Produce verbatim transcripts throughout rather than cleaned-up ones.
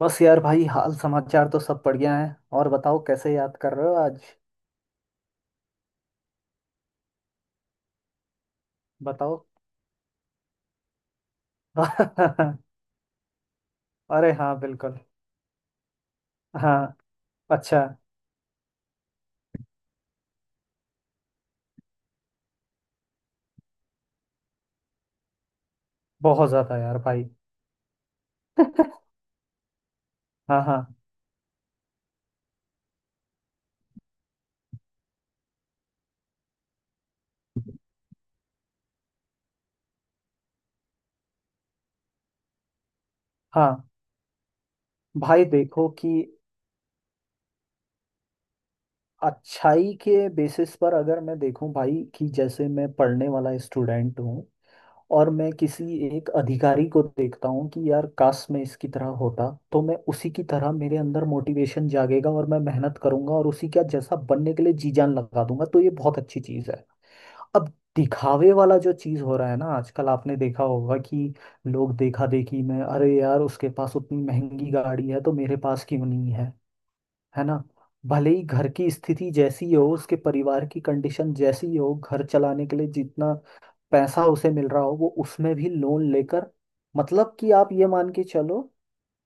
बस यार भाई हाल समाचार तो सब बढ़िया है। और बताओ कैसे याद कर रहे हो आज। बताओ। अरे हाँ बिल्कुल। हाँ। अच्छा। बहुत ज्यादा यार भाई। हाँ हाँ हाँ। भाई देखो कि अच्छाई के बेसिस पर अगर मैं देखूं भाई कि जैसे मैं पढ़ने वाला स्टूडेंट हूँ और मैं किसी एक अधिकारी को देखता हूँ कि यार काश मैं इसकी तरह होता, तो मैं उसी की तरह, मेरे अंदर मोटिवेशन जागेगा और मैं मेहनत करूंगा और उसी का जैसा बनने के लिए जी जान लगा दूंगा, तो ये बहुत अच्छी चीज़ है। अब दिखावे वाला जो चीज़ हो रहा है ना आजकल, आपने देखा होगा कि लोग देखा देखी में, अरे यार उसके पास उतनी महंगी गाड़ी है तो मेरे पास क्यों नहीं है, है ना। भले ही घर की स्थिति जैसी हो, उसके परिवार की कंडीशन जैसी हो, घर चलाने के लिए जितना पैसा उसे मिल रहा हो, वो उसमें भी लोन लेकर, मतलब कि आप ये मान के चलो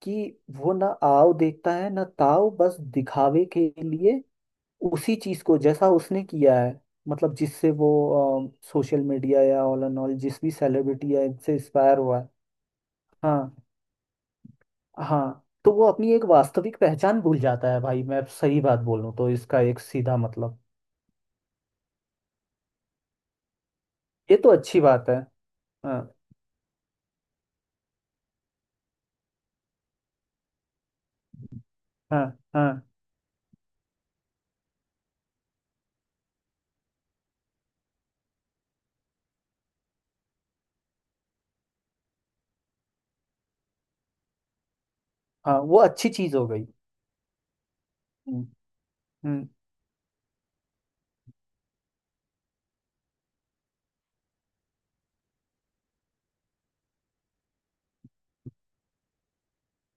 कि वो ना आओ देखता है ना ताओ, बस दिखावे के लिए उसी चीज को जैसा उसने किया है, मतलब जिससे वो सोशल मीडिया या ऑल एंड ऑल जिस भी सेलिब्रिटी या इनसे इंस्पायर हुआ है। हाँ। हाँ, तो वो अपनी एक वास्तविक पहचान भूल जाता है भाई। मैं सही बात बोलूँ तो इसका एक सीधा मतलब, ये तो अच्छी बात है। हाँ हाँ हाँ हाँ। वो अच्छी चीज हो गई। हम्म। हम्म।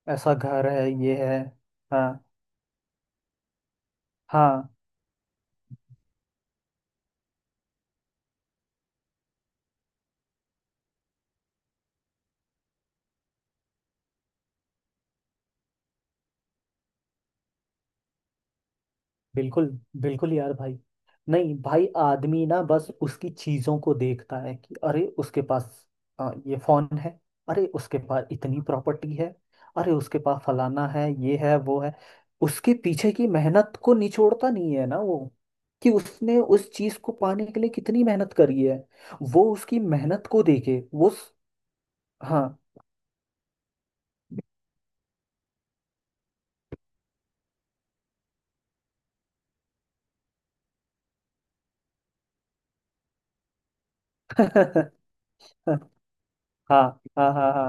ऐसा घर है, ये है। हाँ। हाँ। बिल्कुल। बिल्कुल यार भाई। नहीं भाई, आदमी ना बस उसकी चीजों को देखता है कि अरे उसके पास आ, ये फोन है, अरे उसके पास इतनी प्रॉपर्टी है, अरे उसके पास फलाना है, ये है वो है। उसके पीछे की मेहनत को निचोड़ता नहीं है ना वो, कि उसने उस चीज को पाने के लिए कितनी मेहनत करी है। वो उसकी मेहनत को देखे, वो उस- हाँ। हाँ हाँ हाँ हाँ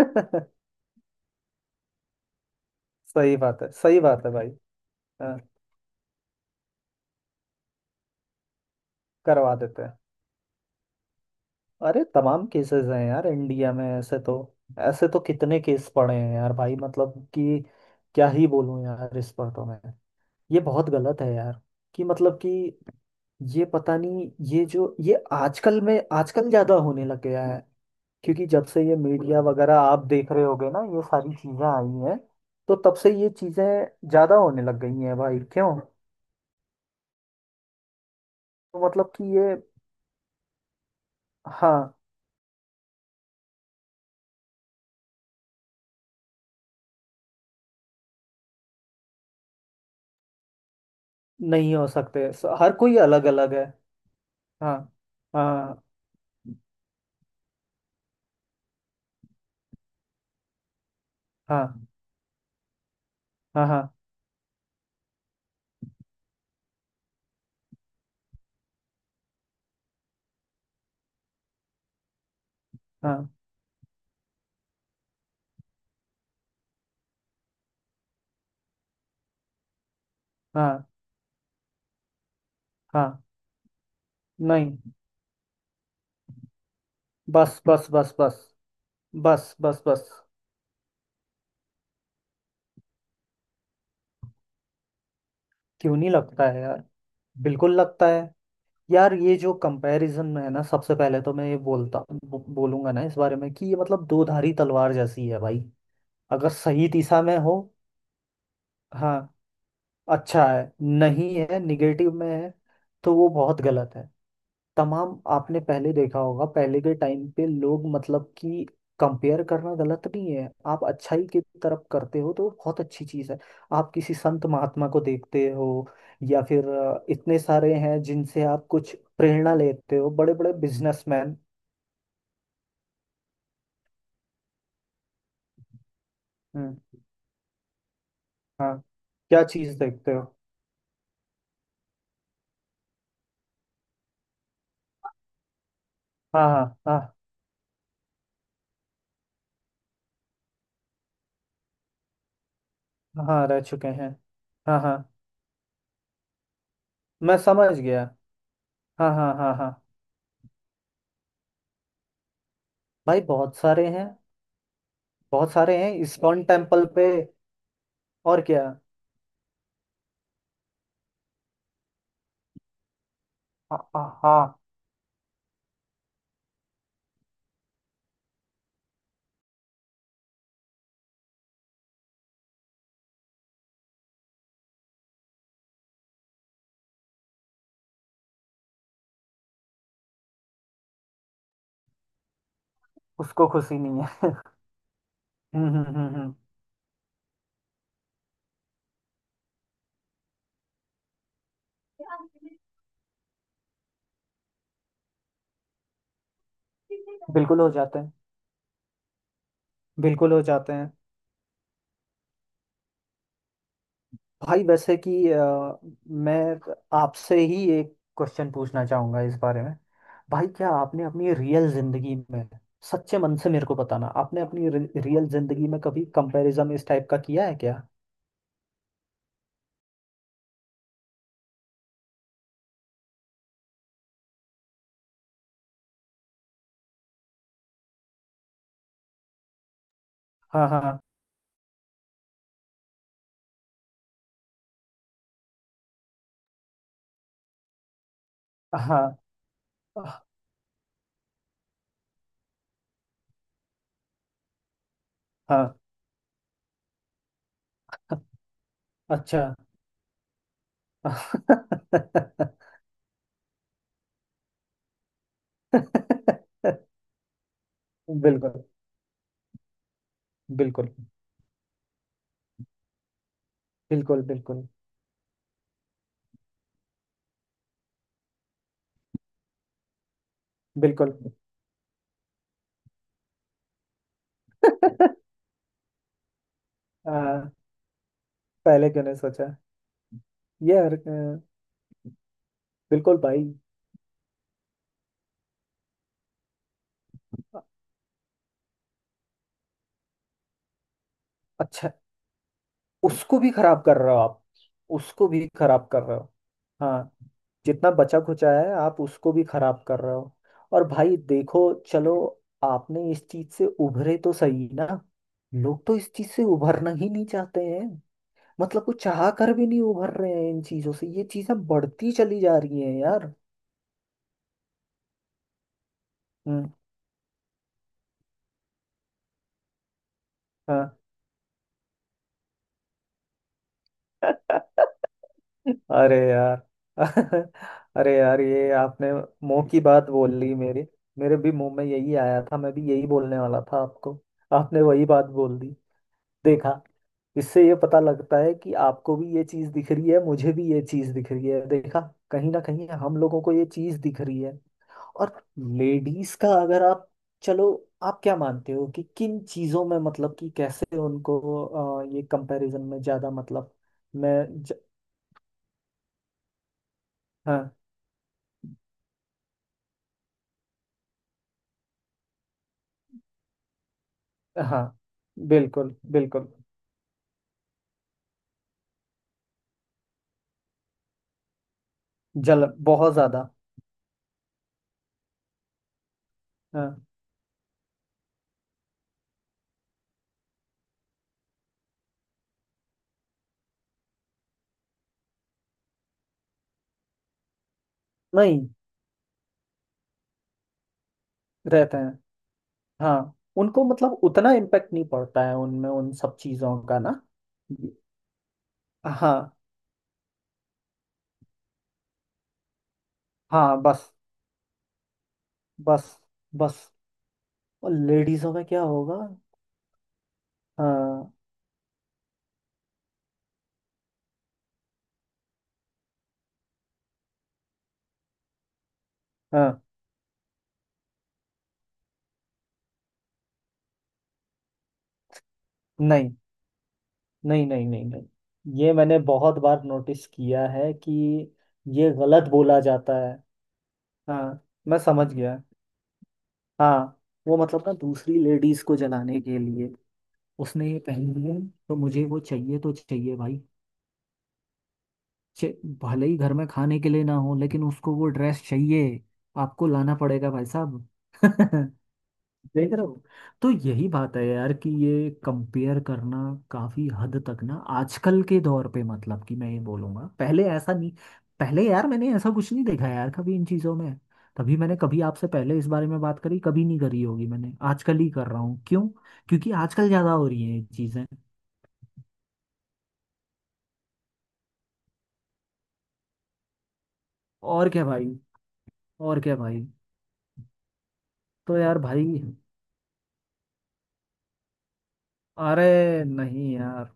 हाँ। सही बात है। सही बात है भाई। हाँ, करवा देते हैं। अरे तमाम केसेस हैं यार इंडिया में, ऐसे तो ऐसे तो कितने केस पड़े हैं यार भाई। मतलब कि क्या ही बोलूं यार इस पर, तो मैं, ये बहुत गलत है यार। कि मतलब कि ये, पता नहीं, ये जो ये आजकल में, आजकल ज्यादा होने लग गया है। क्योंकि जब से ये मीडिया वगैरह, आप देख रहे होगे ना, ये सारी चीजें आई हैं, तो तब से ये चीजें ज्यादा होने लग गई हैं भाई। क्यों तो मतलब कि ये, हाँ। नहीं हो सकते, स- हर कोई अलग अलग है। हाँ। हाँ हाँ हाँ हाँ हाँ हाँ हाँ। नहीं। बस बस बस बस। बस बस बस। क्यों नहीं लगता है यार, बिल्कुल लगता है। यार ये जो कंपैरिजन में है ना, सबसे पहले तो मैं ये बोलता, बो, बोलूंगा ना इस बारे में कि ये मतलब दोधारी तलवार जैसी है भाई। अगर सही दिशा में हो, हाँ, अच्छा है। नहीं है, निगेटिव में है, तो वो बहुत गलत है। तमाम आपने पहले देखा होगा, पहले के टाइम पे लोग मतलब कि, कंपेयर करना गलत नहीं है। आप अच्छाई की तरफ करते हो तो बहुत अच्छी चीज़ है। आप किसी संत महात्मा को देखते हो, या फिर अ, इतने सारे हैं जिनसे आप कुछ प्रेरणा लेते हो, बड़े बड़े बिजनेसमैन। हम्म। हाँ, क्या चीज़ देखते हो। हाँ हाँ हाँ। हाँ रह चुके हैं। हाँ हाँ, मैं समझ गया। हाँ हाँ हाँ हाँ। भाई बहुत सारे हैं। बहुत सारे हैं इस्कॉन टेम्पल पे। और क्या। हाँ हाँ हाँ, उसको खुशी नहीं है। हम्म हम्म हम्म हम्म। बिल्कुल हो जाते हैं। बिल्कुल हो जाते हैं। भाई वैसे कि अ, मैं आपसे ही एक क्वेश्चन पूछना चाहूंगा इस बारे में। भाई क्या आपने अपनी रियल जिंदगी में, सच्चे मन से मेरे को बताना, आपने अपनी रियल जिंदगी में कभी कंपैरिजन इस टाइप का किया है क्या। हाँ हाँ हाँ हाँ। अच्छा। बिल्कुल। बिल्कुल। बिल्कुल। बिल्कुल। बिल्कुल। आ, पहले क्यों नहीं सोचा। ये हर- अ, बिल्कुल भाई। अ- अच्छा, उसको भी खराब कर रहे हो आप। उसको भी खराब कर रहे हो। हाँ। जितना बचा खुचा है आप उसको भी खराब कर रहे हो। और भाई देखो, चलो, आपने इस चीज से उभरे तो सही ना। लोग तो इस चीज से उभरना ही नहीं चाहते हैं। मतलब कुछ चाह कर भी नहीं उभर रहे हैं इन चीजों से, ये चीजें बढ़ती चली जा रही हैं यार। हम्म। हाँ। अरे यार। अरे यार ये आपने मुंह की बात बोल ली मेरे। मेरे भी मुंह में यही आया था, मैं भी यही बोलने वाला था आपको। आपने वही बात बोल दी। देखा। इससे ये पता लगता है कि आपको भी ये चीज दिख रही है, मुझे भी ये चीज दिख रही है। देखा। कहीं ना कहीं हम लोगों को ये चीज दिख रही है। और लेडीज का अगर आप, चलो, आप क्या मानते हो कि किन चीजों में, मतलब कि कैसे उनको अ, ये कंपैरिजन में ज्यादा मतलब, मैं ज, हाँ। हाँ बिल्कुल बिल्कुल। जल बहुत ज्यादा। हाँ। नहीं रहते हैं। हाँ, उनको मतलब उतना इम्पेक्ट नहीं पड़ता है उनमें, उन सब चीजों का ना। हाँ। हाँ बस बस बस। और लेडीजों में क्या होगा। हाँ। हाँ। नहीं नहीं नहीं नहीं। नहीं, ये मैंने बहुत बार नोटिस किया है कि, ये गलत बोला जाता है। हाँ, मैं समझ गया। हाँ। वो मतलब ना दूसरी लेडीज को जलाने के लिए उसने ये पहनी है, तो मुझे वो चाहिए, तो चाहिए भाई। चे- भले ही घर में खाने के लिए ना हो लेकिन उसको वो ड्रेस चाहिए, आपको लाना पड़ेगा भाई साहब। देख रहे हो। तो यही बात है यार कि ये कंपेयर करना काफी हद तक ना, आजकल के दौर पे मतलब कि, मैं ये बोलूंगा पहले ऐसा नहीं। पहले यार मैंने ऐसा कुछ नहीं देखा यार कभी इन चीजों में। तभी मैंने कभी आपसे पहले इस बारे में बात करी, कभी नहीं करी होगी, मैंने आजकल ही कर रहा हूँ। क्यों? क्योंकि आजकल ज्यादा हो रही हैं ये चीजें। और क्या भाई। और क्या भाई। तो यार भाई, अरे नहीं यार।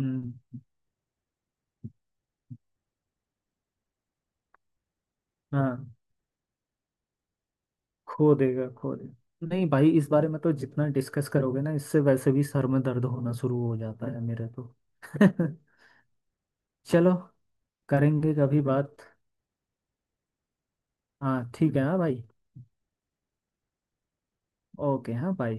हम्म। हाँ। खो देगा, खो देगा नहीं भाई, इस बारे में तो जितना डिस्कस करोगे ना, इससे वैसे भी सर में दर्द होना शुरू हो जाता है मेरे तो। चलो, करेंगे कभी बात। हाँ ठीक है। हाँ भाई। ओके। हाँ बाय।